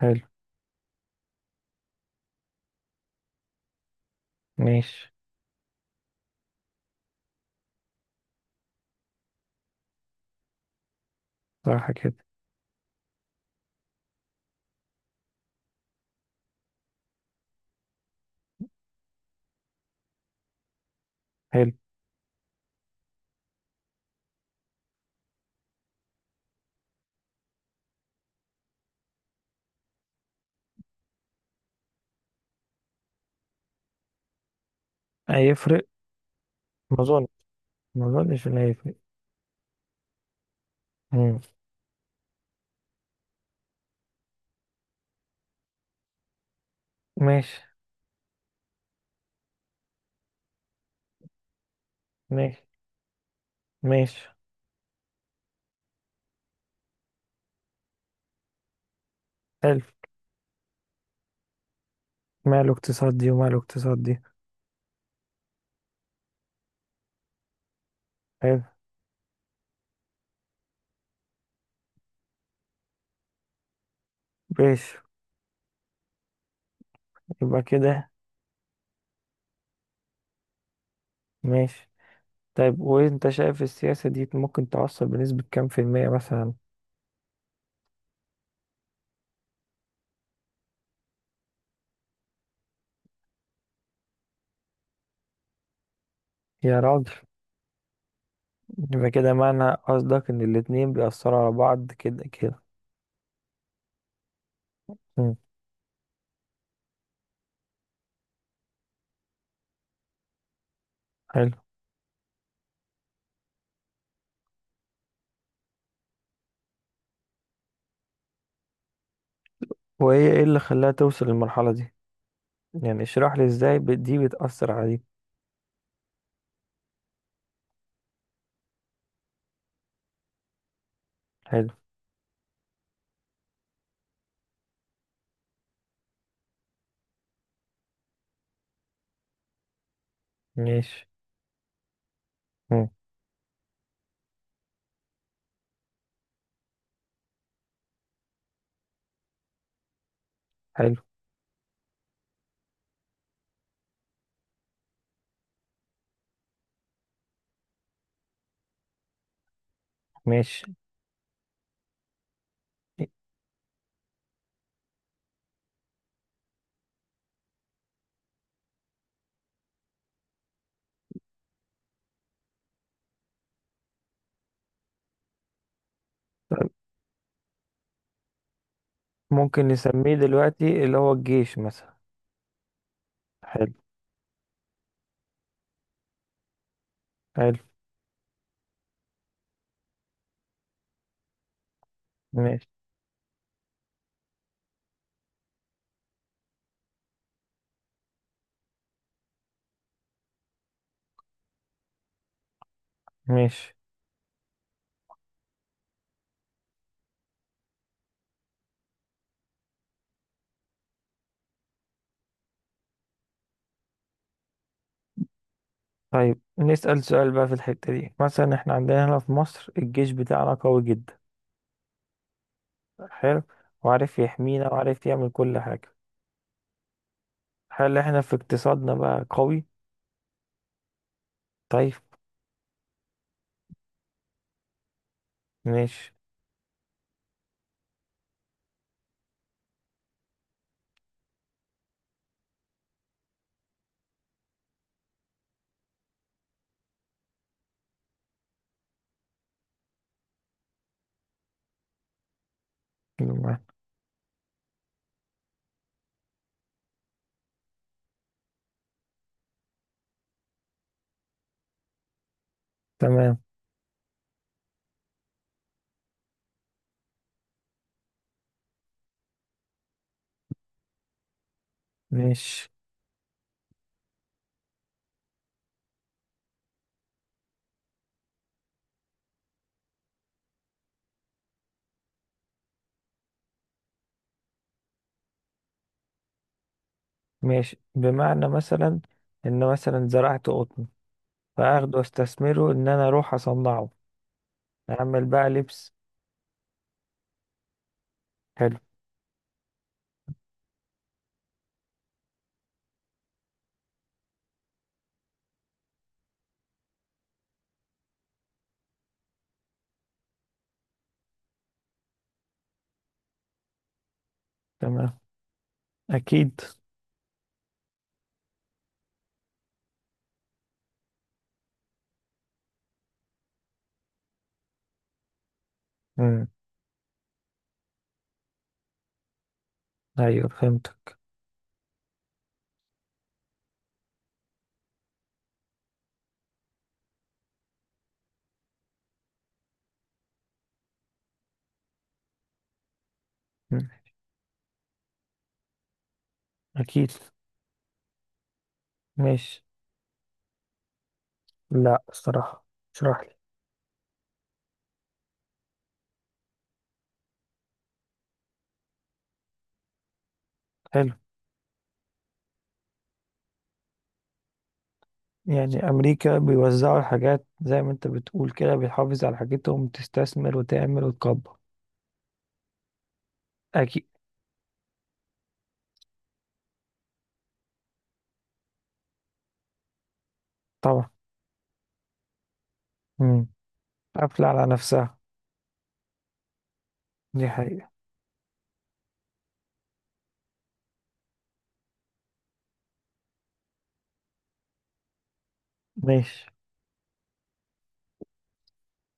حلو. ماشي. صح كده. حلو. هيفرق. ما اظن. ما اظنش ان هيفرق. مم. ماشي. ماشي. ماشي. حلو. ماله اقتصاد دي وماله اقتصاد دي؟ حلو. ماشي. يبقى كده. ماشي. طيب، وانت شايف السياسة دي ممكن توصل بنسبة كام في المية مثلا؟ يا راجل. يبقى كده معنى قصدك ان الاتنين بيأثروا على بعض كده كده. مم. حلو. وهي ايه اللي خلاها توصل للمرحلة دي؟ يعني اشرح لي ازاي دي بتأثر على دي. حلو. ماشي. حلو. ماشي. طيب، ممكن نسميه دلوقتي اللي هو الجيش مثلا. حلو. حلو. ماشي. ماشي. طيب، نسأل سؤال بقى في الحتة دي. مثلا احنا عندنا هنا في مصر الجيش بتاعنا قوي جدا. حلو. وعارف يحمينا وعارف يعمل كل حاجة. هل احنا في اقتصادنا بقى قوي؟ طيب. ماشي. بمعنى. تمام. ماشي. ماشي بمعنى مثلا ان مثلا زرعت قطن، فاخده واستثمره ان انا اروح اصنعه. اعمل بقى لبس. حلو. تمام. أكيد. مم. أيوه، فهمتك. مم. أكيد. ماشي. لا الصراحة، اشرح لي. حلو. يعني أمريكا بيوزعوا الحاجات زي ما أنت بتقول كده، بيحافظ على حاجتهم تستثمر وتعمل وتكبر. أكيد. طبعا. مم. قافلة على نفسها. دي حقيقة. ماشي.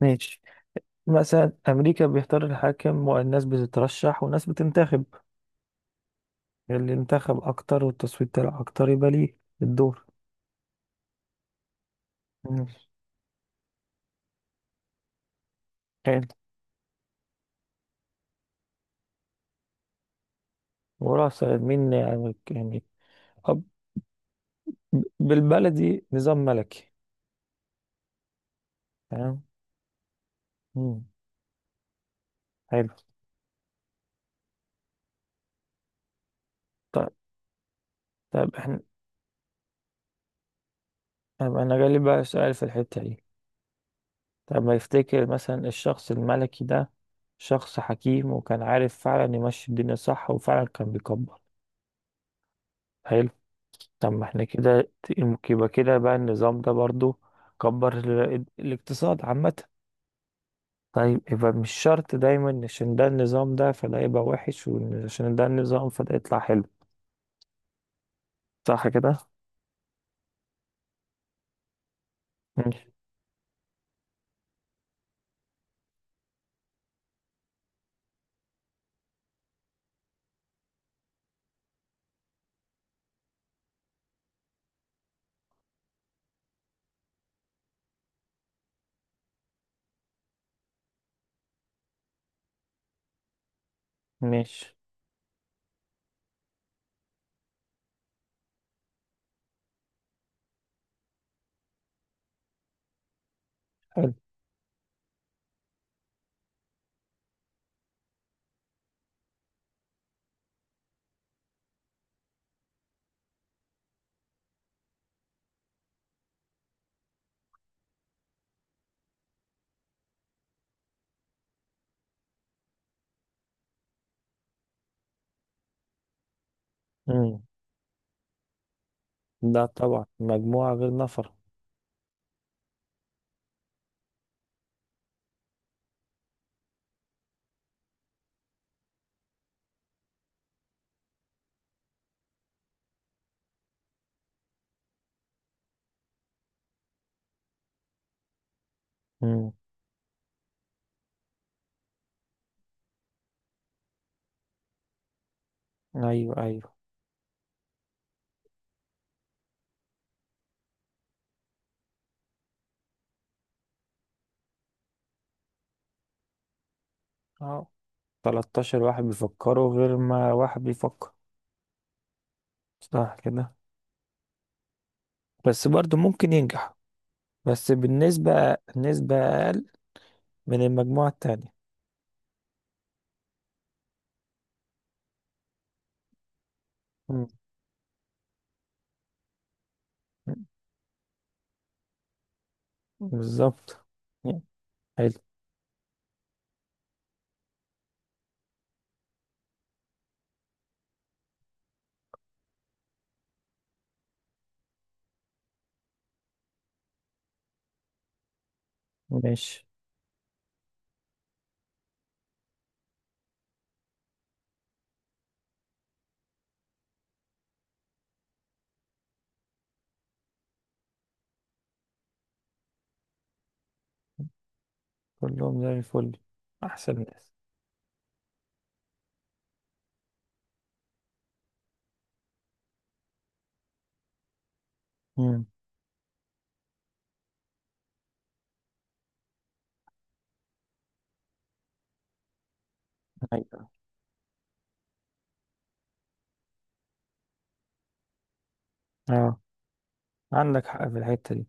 ماشي. مثلا أمريكا بيختار الحاكم والناس بتترشح والناس بتنتخب. اللي انتخب أكتر والتصويت طلع أكتر يبقى ليه الدور. مم. حلو. ورأس مين يعني؟ يعني أب؟ بالبلدي نظام ملكي. تمام. مم. حلو. طيب. طيب احنا. طيب انا جالي بقى سؤال في الحتة دي. طب ما يفتكر مثلا الشخص الملكي ده شخص حكيم وكان عارف فعلا يمشي الدنيا صح، وفعلا كان بيكبر. حلو. طب ما احنا كده. يبقى كده بقى النظام ده برضو كبر الاقتصاد عامة. طيب، يبقى مش شرط دايما إن عشان ده النظام ده فده يبقى وحش، وعشان ده النظام فده يطلع حلو. صح كده؟ ماشي. ماشي. حلو. لا طبعا، مجموعة غير نفر. مم. أيوة أيوة. أه، 13 واحد بيفكروا غير ما واحد بيفكر. صح كده. بس برضو ممكن ينجح، بس بالنسبة نسبة أقل من المجموعة التانية. مم. بالظبط. حلو. ماشي. كلهم زي الفل. أحسن ناس. مم. أيوة. أه، عندك حق في الحتة دي.